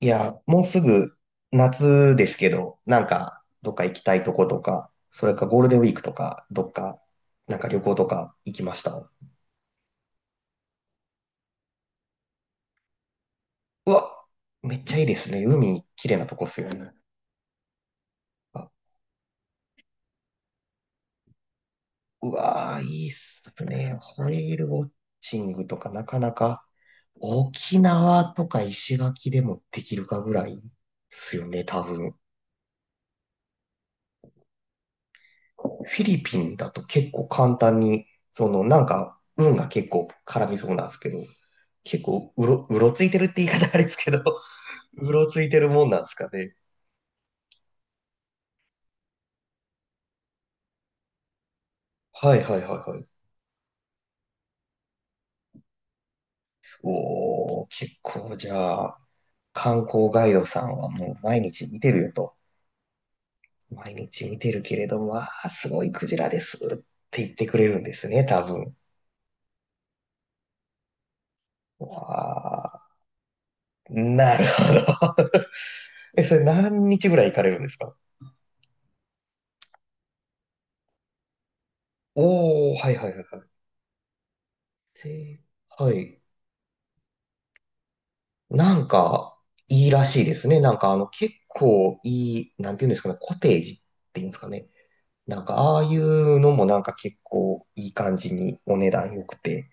いや、もうすぐ夏ですけど、なんかどっか行きたいとことか、それかゴールデンウィークとか、どっか、なんか旅行とか行きました。うわ、めっちゃいいですね。海、綺麗なとこっすよね。あ、うわー、いいっすね。ホエールウォッチングとかなかなか、沖縄とか石垣でもできるかぐらいっすよね、多分。フィリピンだと結構簡単に、そのなんか運が結構絡みそうなんですけど、結構うろついてるって言い方あれですけど、うろついてるもんなんですかね。はいはいはいはい。おー、結構じゃあ、観光ガイドさんはもう毎日見てるよと。毎日見てるけれども、わあ、すごいクジラですって言ってくれるんですね、多分。わあ、なるほど。え、それ何日ぐらい行かれるんですか？おー、はいはいはいはい。せはい。なんか、いいらしいですね。なんか、結構いい、なんていうんですかね、コテージっていうんですかね。なんか、ああいうのもなんか結構いい感じにお値段良くて、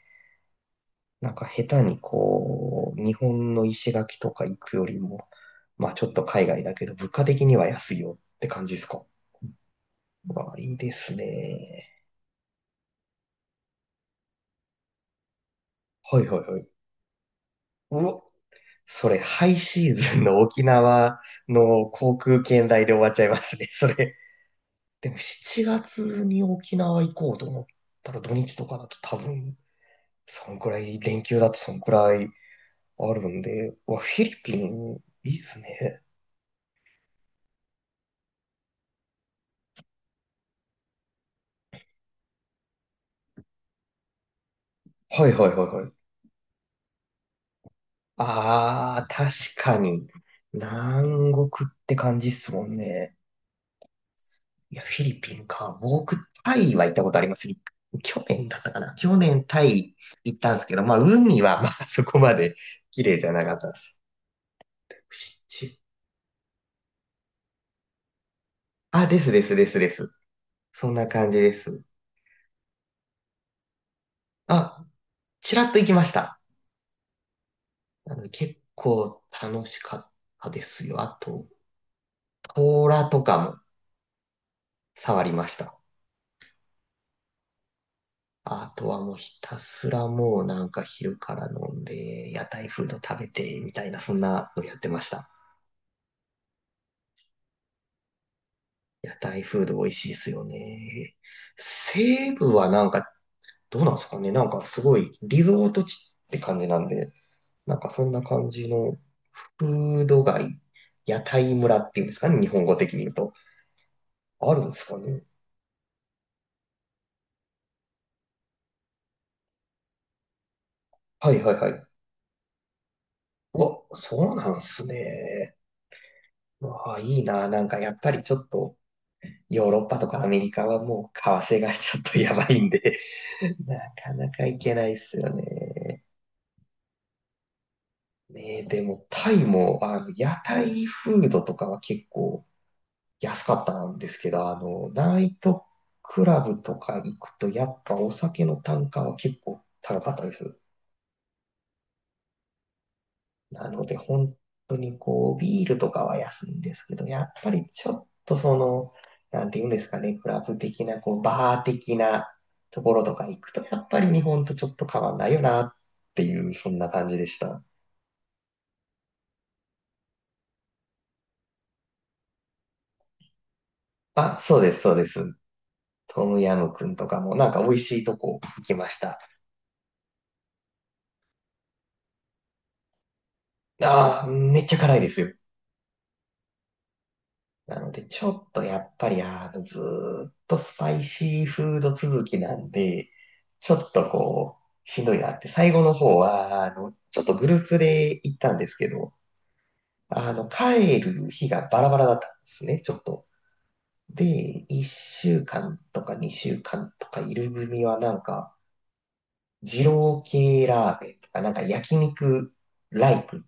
なんか下手にこう、日本の石垣とか行くよりも、まあちょっと海外だけど、物価的には安いよって感じですか？まあいいですね。はいはいはい。うわ、それハイシーズンの沖縄の航空券代で終わっちゃいますね、それ。でも7月に沖縄行こうと思ったら土日とかだと多分、そんくらい、連休だとそんくらいあるんで、うわ、フィリピン、いいっすね。はいはいはいはい。ああ、確かに。南国って感じっすもんね。いや、フィリピンか。僕、タイは行ったことあります。去年だったかな。去年タイ行ったんですけど、まあ、海はまあ そこまで綺麗じゃなかったです。しちあ、ですですですです。そんな感じです。あ、ちらっと行きました。なので結構楽しかったですよ。あと、トーラとかも触りました。あとはもうひたすらもうなんか昼から飲んで、屋台フード食べて、みたいな、そんなのやってました。屋台フード美味しいですよね。西部はなんか、どうなんですかね。なんかすごいリゾート地って感じなんで、なんかそんな感じのフード街、屋台村っていうんですかね、日本語的に言うと。あるんですかね。はいはいはい。うわ、そうなんすね。うわ、いいな。なんかやっぱりちょっと、ヨーロッパとかアメリカはもう為替がちょっとやばいんで なかなか行けないっすよね。ねえ、でもタイも、屋台フードとかは結構安かったんですけど、ナイトクラブとか行くとやっぱお酒の単価は結構高かったです。なので、本当にこう、ビールとかは安いんですけど、やっぱりちょっとなんていうんですかね、クラブ的な、こう、バー的なところとか行くと、やっぱり日本とちょっと変わんないよなっていう、そんな感じでした。あ、そうです、そうです。トムヤム君とかも、なんか美味しいとこ行きました。ああ、めっちゃ辛いですよ。なので、ちょっとやっぱり、ずーっとスパイシーフード続きなんで、ちょっとこう、しんどいなって、最後の方は、ちょっとグループで行ったんですけど、帰る日がバラバラだったんですね、ちょっと。で、1週間とか2週間とかいる組はなんか、二郎系ラーメンとか、なんか焼肉ライクっ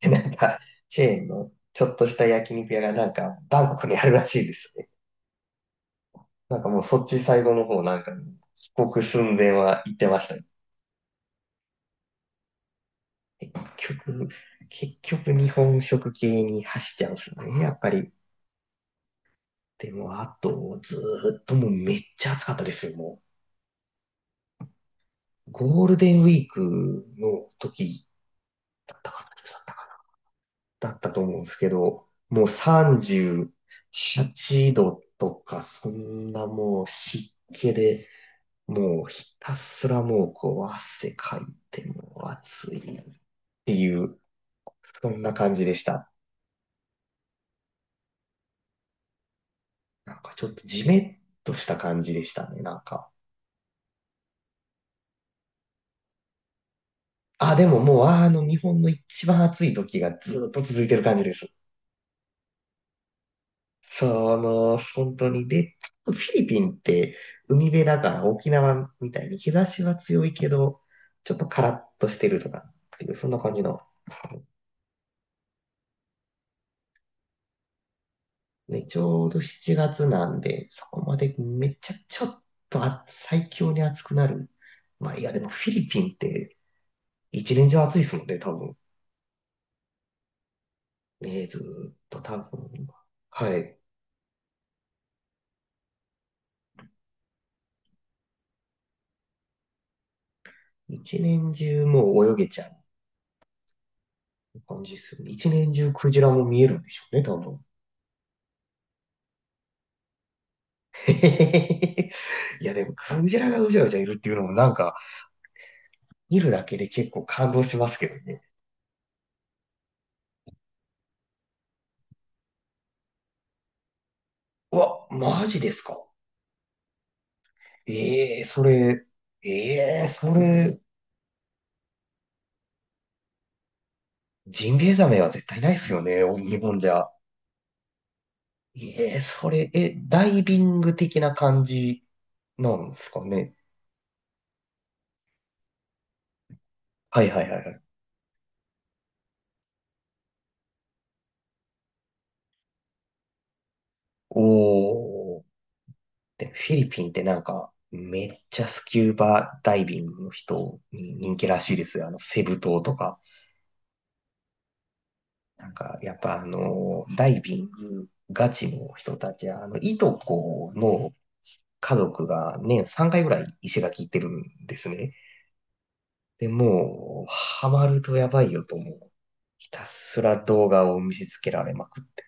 てなんか、チェーンのちょっとした焼肉屋がなんか、バンコクにあるらしいですね。なんかもうそっち最後の方なんか、帰国寸前は行ってましたね。結局、結局日本食系に走っちゃうんですよね、やっぱり。でも、あと、ずーっともうめっちゃ暑かったですよ、もう。ゴールデンウィークの時だったかな、いつだったかなだったと思うんですけど、もう38度とか、そんなもう湿気で、もうひたすらもうこう汗かいてもう暑いっていうそんな感じでした。なんかちょっとジメッとした感じでしたね、なんか。あ、でももう、日本の一番暑い時がずっと続いてる感じです。その、本当に。で、フィリピンって海辺だから沖縄みたいに日差しは強いけど、ちょっとカラッとしてるとかっていう、そんな感じの。ね、ちょうど7月なんで、そこまでめっちゃちょっとあ最強に暑くなる。まあ、いや、でもフィリピンって一年中暑いですもんね、多分。ね、ずーっと多分、はい。一年中もう泳げちゃう感じですよね。一年中クジラも見えるんでしょうね、多分。いや、でもクジラがうじゃうじゃいるっていうのもなんか、見るだけで結構感動しますけどね。うわ、マジですか？ええーそれ、ええーそれ、ジンベエザメは絶対ないですよね、日本じゃ。ええーそれ、え、ダイビング的な感じなんですかね。はいはいはいはい。おー。で、フィリピンってなんか、めっちゃスキューバダイビングの人に人気らしいですよ。セブ島とか。なんか、やっぱダイビングガチの人たちは、いとこの家族が年3回ぐらい石垣行ってるんですね。で、もう、ハマるとやばいよと思う。ひたすら動画を見せつけられまくって。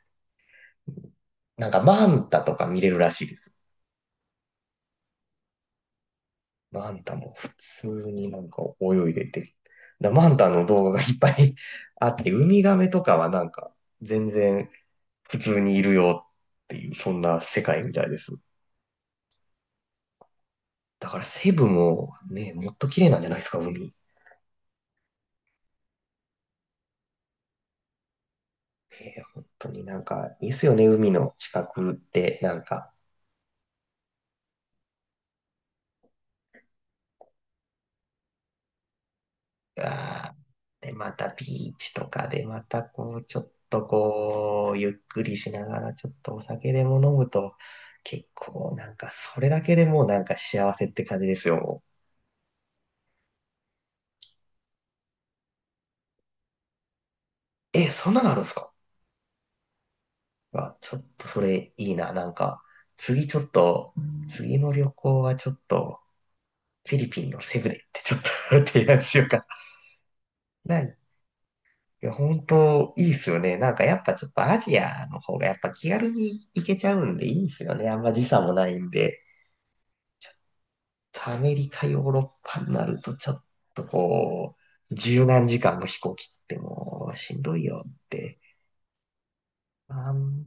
なんか、マンタとか見れるらしいです。マンタも普通になんか泳いでて、だマンタの動画がいっぱい あって、ウミガメとかはなんか全然普通にいるよっていう、そんな世界みたいです。だからセブもね、もっと綺麗なんじゃないですか、海。本当になんかいいですよね、海の近くって、なんか。が、で、またビーチとかで、またこう、ちょっとこう、ゆっくりしながら、ちょっとお酒でも飲むと、結構なんか、それだけでもうなんか幸せって感じですよ。もう。え、そんなのあるんですか？あ、ちょっとそれいいな。なんか、次ちょっと、次の旅行はちょっと、フィリピンのセブでってちょっと 提案しようかな。いや、本当いいっすよね。なんかやっぱちょっとアジアの方がやっぱ気軽に行けちゃうんでいいっすよね。あんま時差もないんで。ちょっとアメリカ、ヨーロッパになると、ちょっとこう、十何時間の飛行機ってもうしんどいよって。あん、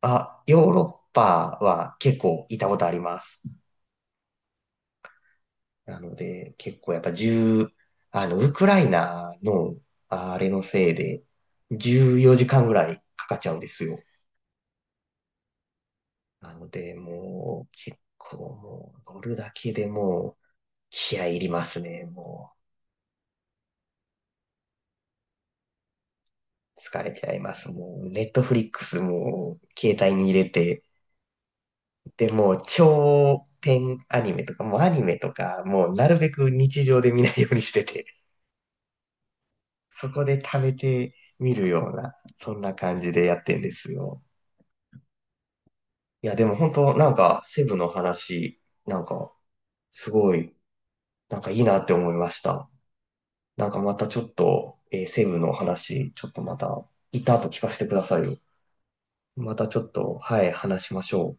あ、ヨーロッパは結構いたことあります。なので、結構やっぱ10、ウクライナのあれのせいで、14時間ぐらいかかっちゃうんですよ。なので、もう、結構もう、乗るだけでもう、気合い入りますね、もう。疲れちゃいます。もう、ネットフリックスも携帯に入れて、で、もう長編アニメとか、もうアニメとか、もうなるべく日常で見ないようにしてて、そこで貯めて見るような、そんな感じでやってんですよ。いや、でも本当なんか、セブの話、なんか、すごい、なんかいいなって思いました。なんかまたちょっと、セブの話、ちょっとまた、いた後聞かせてくださいよ。またちょっと、はい、話しましょう。